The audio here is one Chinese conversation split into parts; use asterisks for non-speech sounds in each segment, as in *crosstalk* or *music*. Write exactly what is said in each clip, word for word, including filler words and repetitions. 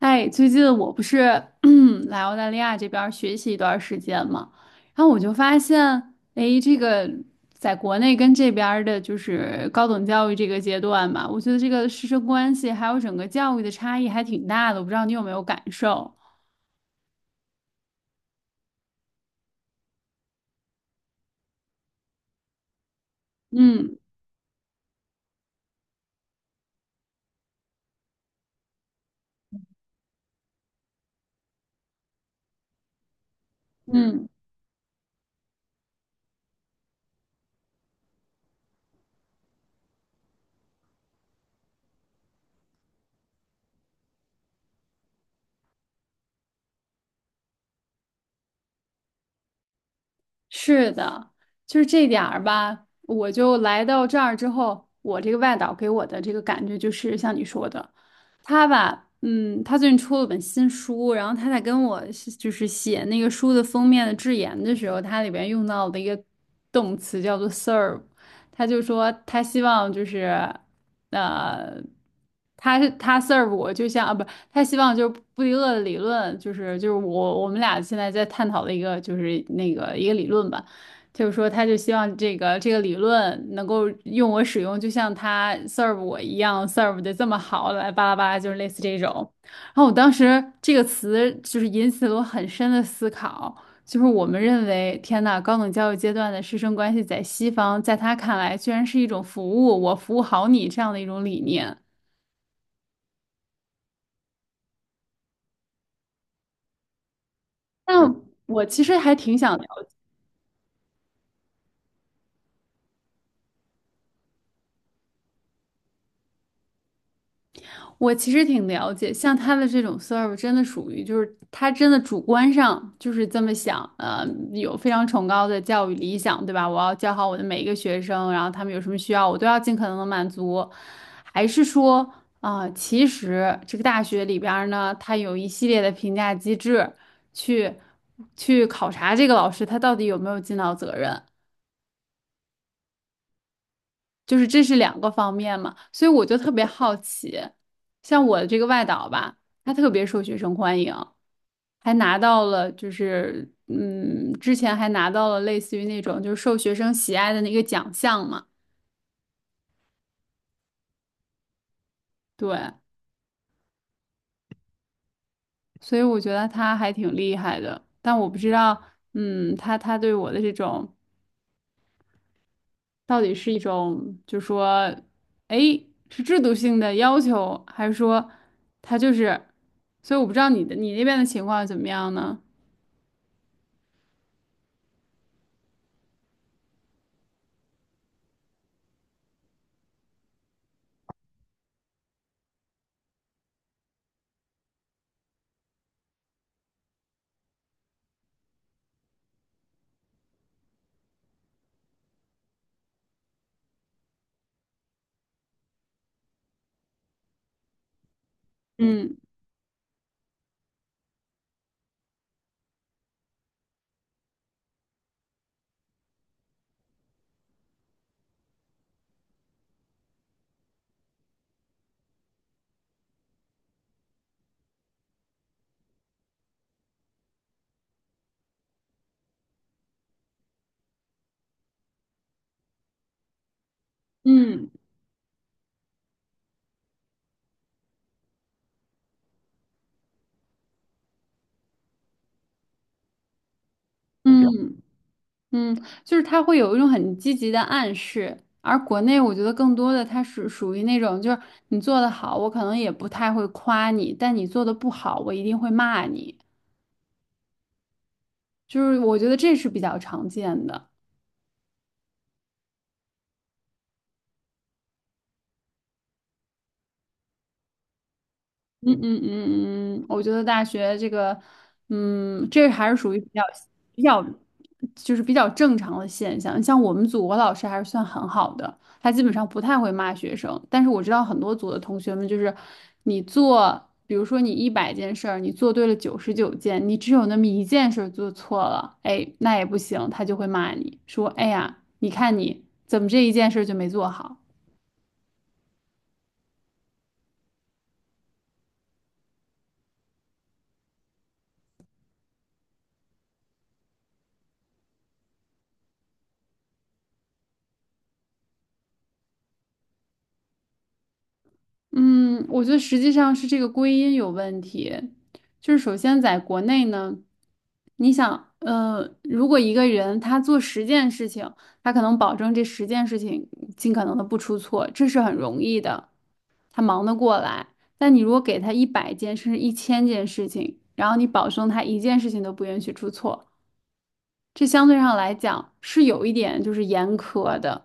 哎，最近我不是 *clears throat* 来澳大利亚这边儿学习一段儿时间嘛，然后我就发现，哎，这个在国内跟这边儿的就是高等教育这个阶段吧，我觉得这个师生关系还有整个教育的差异还挺大的，我不知道你有没有感受？嗯嗯，是的，就是这点儿吧。我就来到这儿之后，我这个外导给我的这个感觉就是像你说的。他吧，嗯，他最近出了本新书，然后他在跟我是就是写那个书的封面的致言的时候，他里边用到的一个动词叫做 serve，他就说他希望就是，呃，他是他 serve 我，就像啊不，他希望就是布迪厄的理论，就是就是我我们俩现在在探讨的一个就是那个一个理论吧。就是说，他就希望这个这个理论能够用我使用，就像他 serve 我一样 serve 的这么好，来巴拉巴拉，就是类似这种。然后我当时这个词就是引起了我很深的思考，就是我们认为，天呐，高等教育阶段的师生关系在西方，在他看来居然是一种服务，我服务好你这样的一种理念。但我其实还挺想了我其实挺了解，像他的这种 serve 真的属于就是他真的主观上就是这么想，呃，有非常崇高的教育理想，对吧？我要教好我的每一个学生，然后他们有什么需要，我都要尽可能的满足。还是说啊、其实这个大学里边儿呢，它有一系列的评价机制去去考察这个老师他到底有没有尽到责任。就是这是两个方面嘛，所以我就特别好奇，像我的这个外导吧，他特别受学生欢迎，还拿到了就是嗯，之前还拿到了类似于那种就是受学生喜爱的那个奖项嘛，对，所以我觉得他还挺厉害的，但我不知道，嗯，他他对我的这种到底是一种就说，哎，是制度性的要求，还是说他就是，所以我不知道你的你那边的情况怎么样呢？嗯嗯目标嗯嗯，就是他会有一种很积极的暗示，而国内我觉得更多的他是属于那种，就是你做的好，我可能也不太会夸你，但你做的不好，我一定会骂你，就是我觉得这是比较常见的。嗯嗯嗯嗯，嗯我觉得大学这个，嗯，这还是属于比较比较，就是比较正常的现象。像我们组，我老师还是算很好的，他基本上不太会骂学生。但是我知道很多组的同学们，就是你做，比如说你一百件事儿，你做对了九十九件，你只有那么一件事儿做错了，哎，那也不行，他就会骂你说，哎呀，你看你怎么这一件事儿就没做好。嗯，我觉得实际上是这个归因有问题。就是首先在国内呢，你想，呃，如果一个人他做十件事情，他可能保证这十件事情尽可能的不出错，这是很容易的，他忙得过来。但你如果给他一百件甚至一千件事情，然后你保证他一件事情都不允许出错，这相对上来讲是有一点就是严苛的。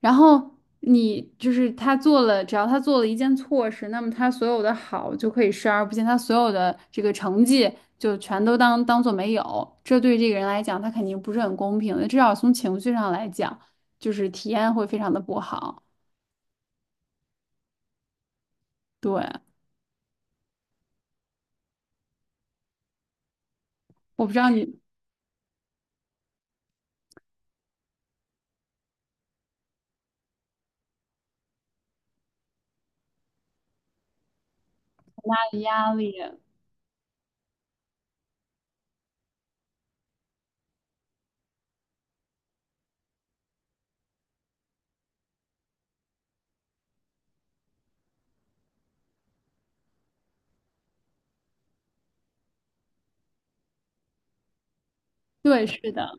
然后你就是他做了，只要他做了一件错事，那么他所有的好就可以视而不见，他所有的这个成绩就全都当当做没有。这对这个人来讲，他肯定不是很公平的，至少从情绪上来讲，就是体验会非常的不好。对，我不知道你大的压力，对，是的。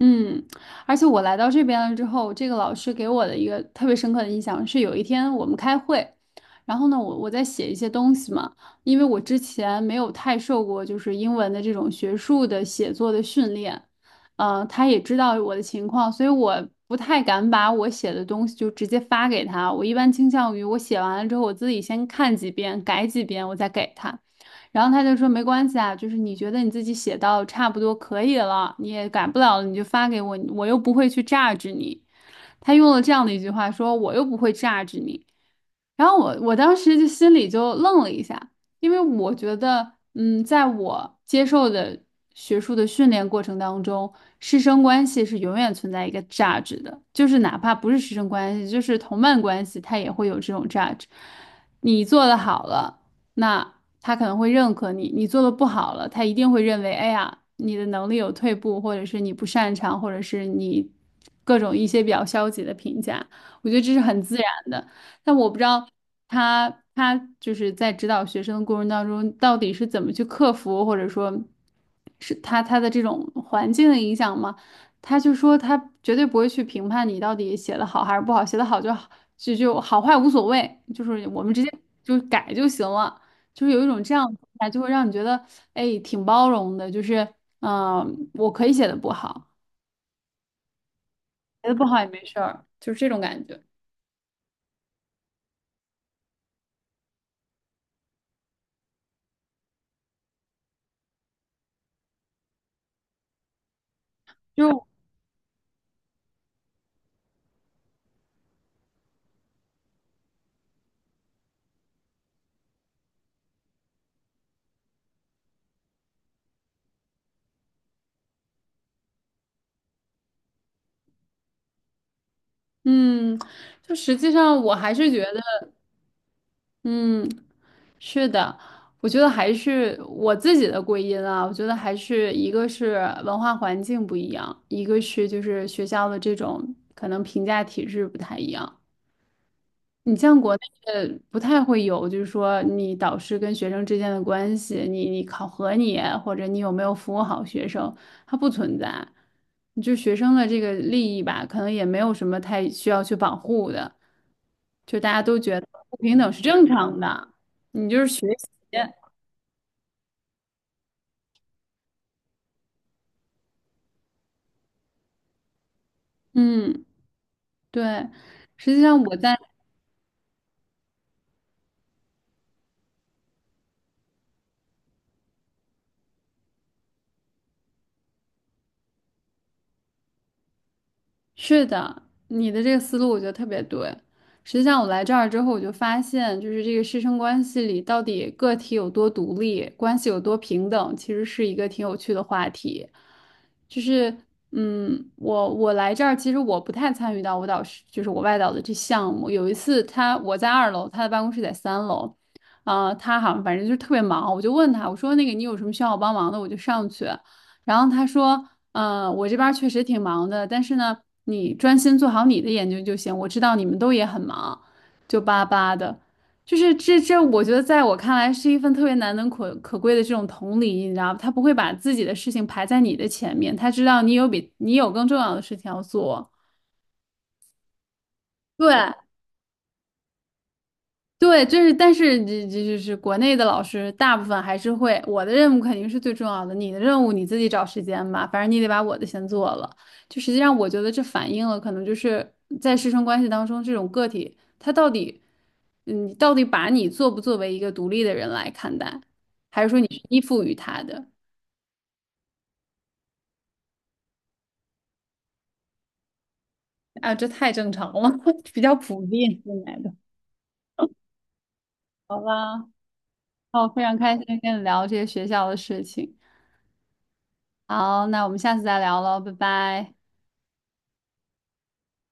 嗯，而且我来到这边了之后，这个老师给我的一个特别深刻的印象是，有一天我们开会，然后呢，我我在写一些东西嘛，因为我之前没有太受过就是英文的这种学术的写作的训练，嗯、他也知道我的情况，所以我不太敢把我写的东西就直接发给他，我一般倾向于我写完了之后，我自己先看几遍，改几遍，我再给他。然后他就说没关系啊，就是你觉得你自己写到差不多可以了，你也改不了了，你就发给我，我又不会去榨制你。他用了这样的一句话说，我又不会榨制你。然后我我当时就心里就愣了一下，因为我觉得，嗯，在我接受的学术的训练过程当中，师生关系是永远存在一个价值的，就是哪怕不是师生关系，就是同伴关系，它也会有这种价值。你做的好了，那他可能会认可你；你做的不好了，他一定会认为，哎呀，你的能力有退步，或者是你不擅长，或者是你各种一些比较消极的评价。我觉得这是很自然的。但我不知道他他就是在指导学生的过程当中，到底是怎么去克服，或者说是他他的这种环境的影响吗？他就说他绝对不会去评判你到底写的好还是不好，写的好就好，就就好坏无所谓，就是我们直接就改就行了，就是有一种这样的状态就会让你觉得哎挺包容的，就是嗯、呃我可以写的不好，写的不好也没事儿，就是这种感觉。就嗯，就实际上我还是觉得。嗯，是的，我觉得还是我自己的归因啊。我觉得还是一个是文化环境不一样，一个是就是学校的这种可能评价体制不太一样。你像国内的不太会有，就是说你导师跟学生之间的关系，你你考核你或者你有没有服务好学生，它不存在。就学生的这个利益吧，可能也没有什么太需要去保护的，就大家都觉得不平等是正常的。学习，嗯，对。实际上我在是的，你的这个思路我觉得特别对。实际上，我来这儿之后，我就发现，就是这个师生关系里到底个体有多独立，关系有多平等，其实是一个挺有趣的话题。就是，嗯，我我来这儿，其实我不太参与到舞蹈师，就是我外导的这项目。有一次他，我在二楼，他的办公室在三楼，啊、他好像反正就是特别忙，我就问他，我说那个你有什么需要我帮忙的，我就上去。然后他说，嗯，我这边儿确实挺忙的，但是呢，你专心做好你的研究就行。我知道你们都也很忙，就巴巴的，就是这这，我觉得在我看来是一份特别难能可可贵的这种同理，你知道吧？他不会把自己的事情排在你的前面，他知道你有比你有更重要的事情要做。对，对，就是，但是这这就是国内的老师，大部分还是会。我的任务肯定是最重要的，你的任务你自己找时间吧，反正你得把我的先做了。就实际上，我觉得这反映了可能就是在师生关系当中，这种个体他到底，嗯，到底把你作不作为一个独立的人来看待，还是说你是依附于他的？啊，这太正常了，*laughs* 比较普遍现在的。好吧，哦，非常开心跟你聊这些学校的事情。好，那我们下次再聊喽，拜拜。